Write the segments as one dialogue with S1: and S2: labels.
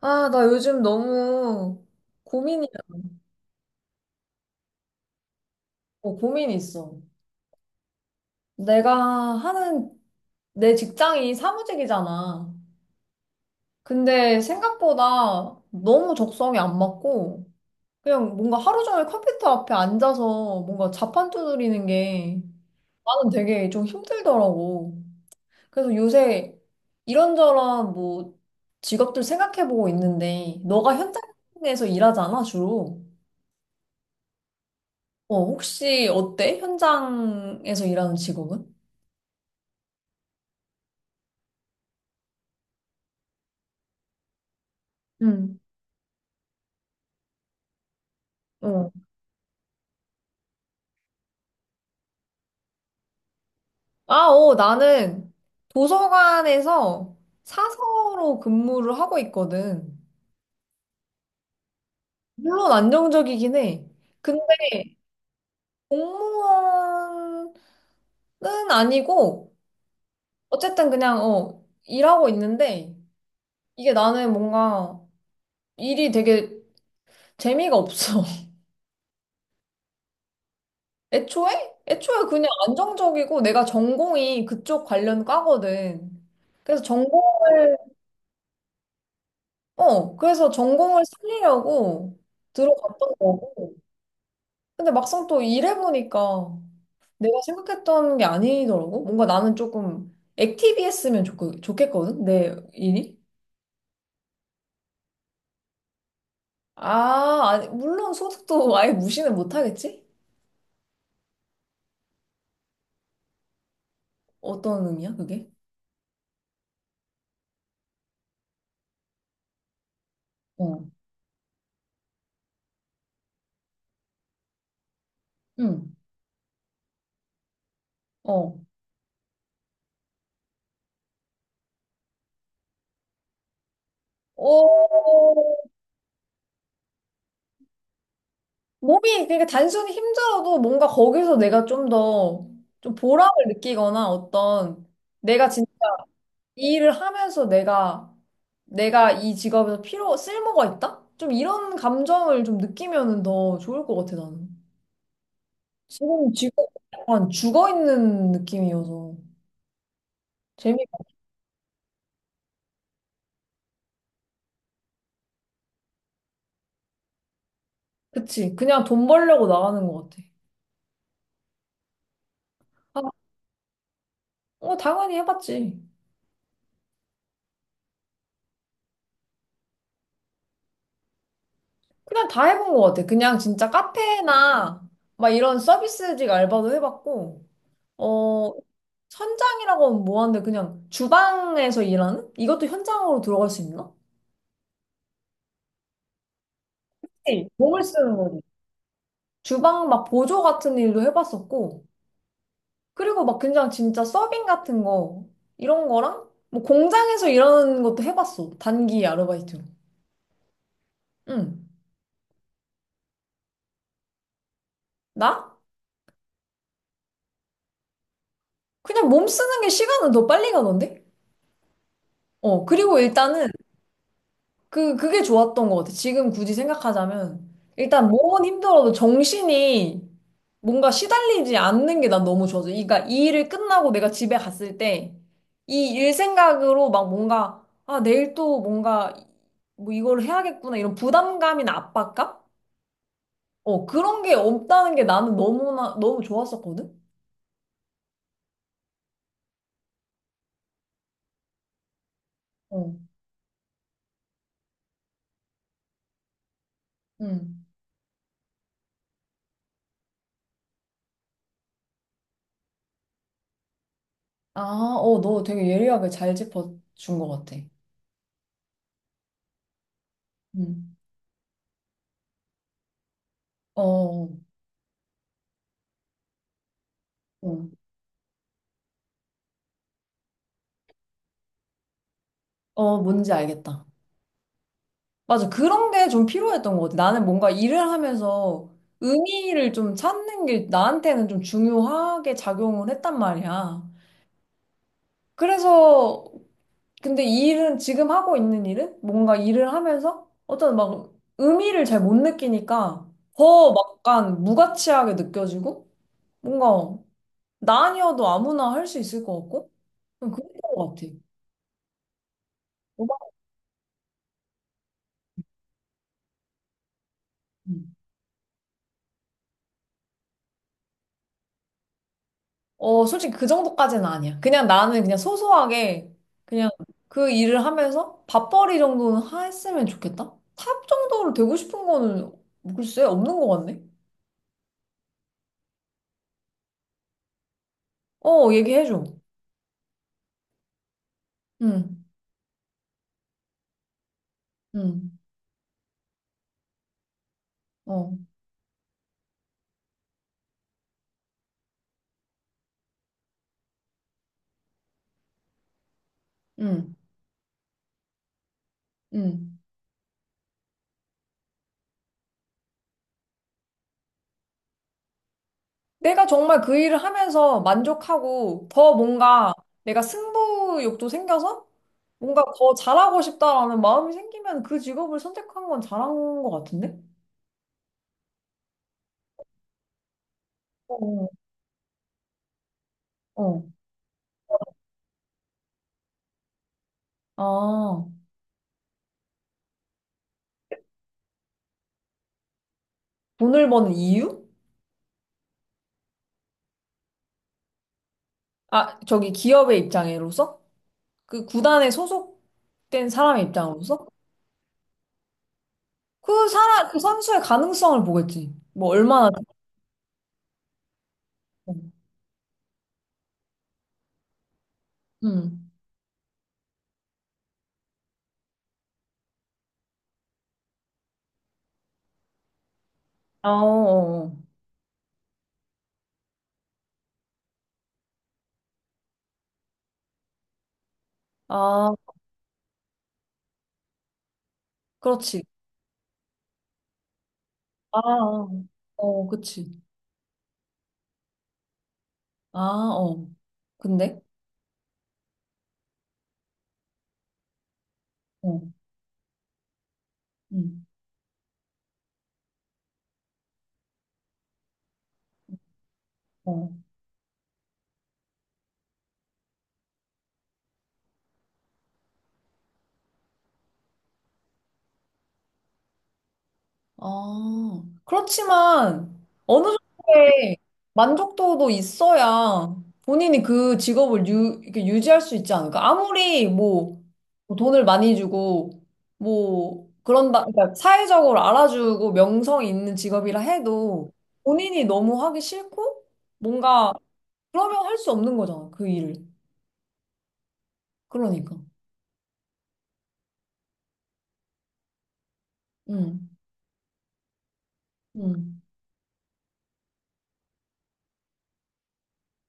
S1: 아, 나 요즘 너무 고민이, 고민이 있어. 내가 하는 내 직장이 사무직이잖아. 근데 생각보다 너무 적성이 안 맞고, 그냥 뭔가 하루 종일 컴퓨터 앞에 앉아서 뭔가 자판 두드리는 게 나는 되게 좀 힘들더라고. 그래서 요새 이런저런 뭐 직업들 생각해보고 있는데, 너가 현장에서 일하잖아, 주로. 어, 혹시 어때? 현장에서 일하는 직업은? 응, 어. 아, 어, 나는 도서관에서 사서로 근무를 하고 있거든. 물론 안정적이긴 해. 근데 공무원은 아니고, 어쨌든 그냥, 일하고 있는데, 이게 나는 뭔가 일이 되게 재미가 없어. 애초에? 애초에 그냥 안정적이고, 내가 전공이 그쪽 관련 과거든. 그래서 전공을 그래서 전공을 살리려고 들어갔던 거고. 근데 막상 또 일해보니까 내가 생각했던 게 아니더라고. 뭔가 나는 조금 액티비했으면 좋겠거든, 내 일이. 아, 아니, 물론 소득도 아예 무시는 못하겠지? 어떤 의미야, 그게? 어, 응, 어. 어, 몸이, 그러니까 단순히 힘들어도 뭔가 거기서 내가 좀 더, 좀 보람을 느끼거나 어떤, 내가 진짜 이 일을 하면서 내가 이 직업에서 필요 쓸모가 있다? 좀 이런 감정을 좀 느끼면은 더 좋을 것 같아 나는. 지금 약간 죽어 있는 느낌이어서 재미. 그치? 그냥 돈 벌려고 나가는 것 같아. 아, 어 당연히 해봤지. 그냥 다 해본 것 같아. 그냥 진짜 카페나 막 이런 서비스직 알바도 해봤고 어 현장이라고는 뭐한데 그냥 주방에서 일하는? 이것도 현장으로 들어갈 수 있나? 네, 몸을 쓰는 거지. 주방 막 보조 같은 일도 해봤었고, 그리고 막 그냥 진짜 서빙 같은 거, 이런 거랑, 뭐 공장에서 일하는 것도 해봤어. 단기 아르바이트로. 응. 나? 그냥 몸 쓰는 게 시간은 더 빨리 가던데? 어, 그리고 일단은 그게 좋았던 것 같아. 지금 굳이 생각하자면. 일단 몸은 힘들어도 정신이 뭔가 시달리지 않는 게 난 너무 좋아서. 그러니까 이 일을 끝나고 내가 집에 갔을 때 이 일 생각으로 막 뭔가, 아, 내일 또 뭔가 뭐 이걸 해야겠구나. 이런 부담감이나 압박감? 어, 그런 게 없다는 게 나는 너무나, 너무 좋았었거든? 어, 응. 아, 어, 너 되게 예리하게 잘 짚어준 것 같아. 응. 어, 어, 어, 뭔지 알겠다. 맞아. 그런 게 좀 필요했던 것 같아. 나는 뭔가 일을 하면서 의미를 좀 찾는 게 나한테는 좀 중요하게 작용을 했단 말이야. 그래서, 근데 이 일은, 지금 하고 있는 일은 뭔가 일을 하면서 어떤 막 의미를 잘 못 느끼니까 더 막 약간 무가치하게 느껴지고 뭔가 나 아니어도 아무나 할 수 있을 것 같고 그런 것 같아. 어, 솔직히 그 정도까지는 아니야. 그냥 나는 그냥 소소하게 그냥 그 일을 하면서 밥벌이 정도는 했으면 좋겠다. 탑 정도로 되고 싶은 거는 글쎄 없는 것 같네. 어, 얘기해줘. 응, 응, 어, 응, 응. 내가 정말 그 일을 하면서 만족하고 더 뭔가 내가 승부욕도 생겨서 뭔가 더 잘하고 싶다라는 마음이 생기면 그 직업을 선택한 건 잘한 것 같은데? 어, 어. 아. 돈을 버는 이유? 아, 저기 기업의 입장으로서? 그 구단에 소속된 사람의 입장으로서? 그 선수의 가능성을 보겠지. 뭐 얼마나. 응. 어, 어, 어. 아, 그렇지. 아, 아. 어, 그치. 아, 어. 근데? 어, 응, 어. 아, 그렇지만 어느 정도의 만족도도 있어야 본인이 그 직업을 이렇게 유지할 수 있지 않을까? 아무리 뭐 돈을 많이 주고 뭐 그런다, 그러니까 사회적으로 알아주고 명성이 있는 직업이라 해도 본인이 너무 하기 싫고 뭔가 그러면 할 수 없는 거잖아, 그 일을. 그러니까. 응, 응,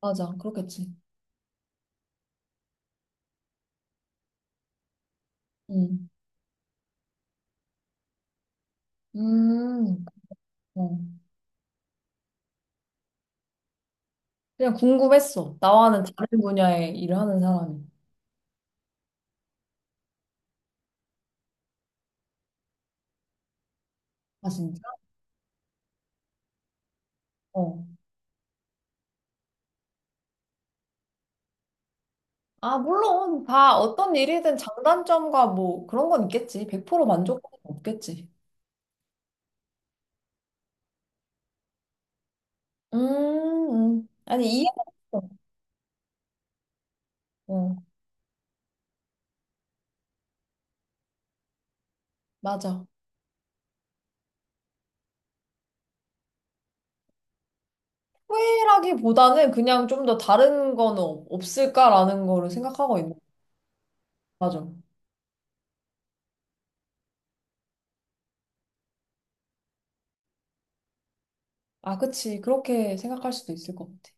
S1: 맞아, 그렇겠지. 응, 음, 어. 그냥 궁금했어. 나와는 다른 분야의 일을 하는 사람이. 아, 진짜? 어. 아, 물론 다 어떤 일이든 장단점과 뭐 그런 건 있겠지. 100% 만족은 없겠지. 아니, 이해가 어 어, 맞아. 후회라기보다는 그냥 좀 더 다른 거는 없을까라는 거를 생각하고 있는. 맞아. 아, 그치. 그렇게 생각할 수도 있을 것 같아.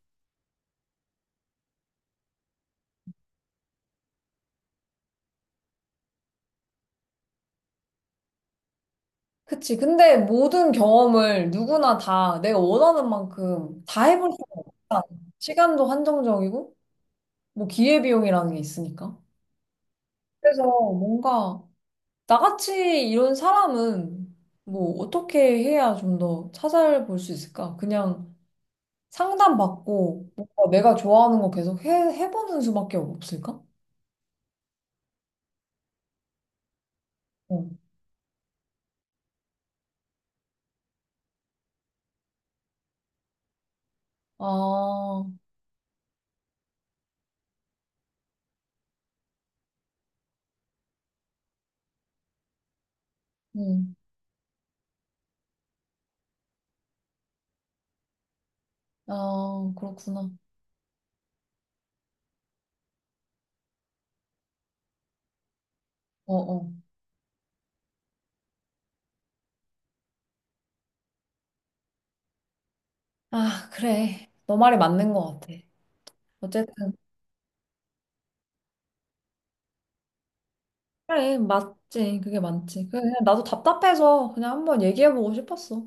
S1: 그치. 근데 모든 경험을 누구나 다 내가 원하는 만큼 다 해볼 수가 없다. 시간도 한정적이고, 뭐 기회비용이라는 게 있으니까. 그래서 뭔가 나같이 이런 사람은 뭐 어떻게 해야 좀 더 찾아볼 수 있을까? 그냥 상담받고 뭔가 내가 좋아하는 거 계속 해보는 수밖에 없을까? 어. 아, 음. 아, 그렇구나. 어, 어. 아, 그래. 너 말이 맞는 것 같아. 어쨌든. 그래, 맞지. 그게 많지. 그래, 그냥 나도 답답해서 그냥 한번 얘기해보고 싶었어.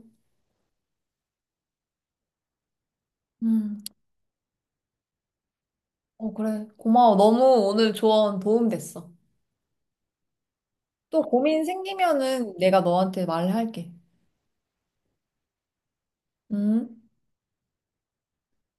S1: 음, 어, 그래. 고마워. 너무 오늘 조언 도움 됐어. 또 고민 생기면은 내가 너한테 말할게. 음.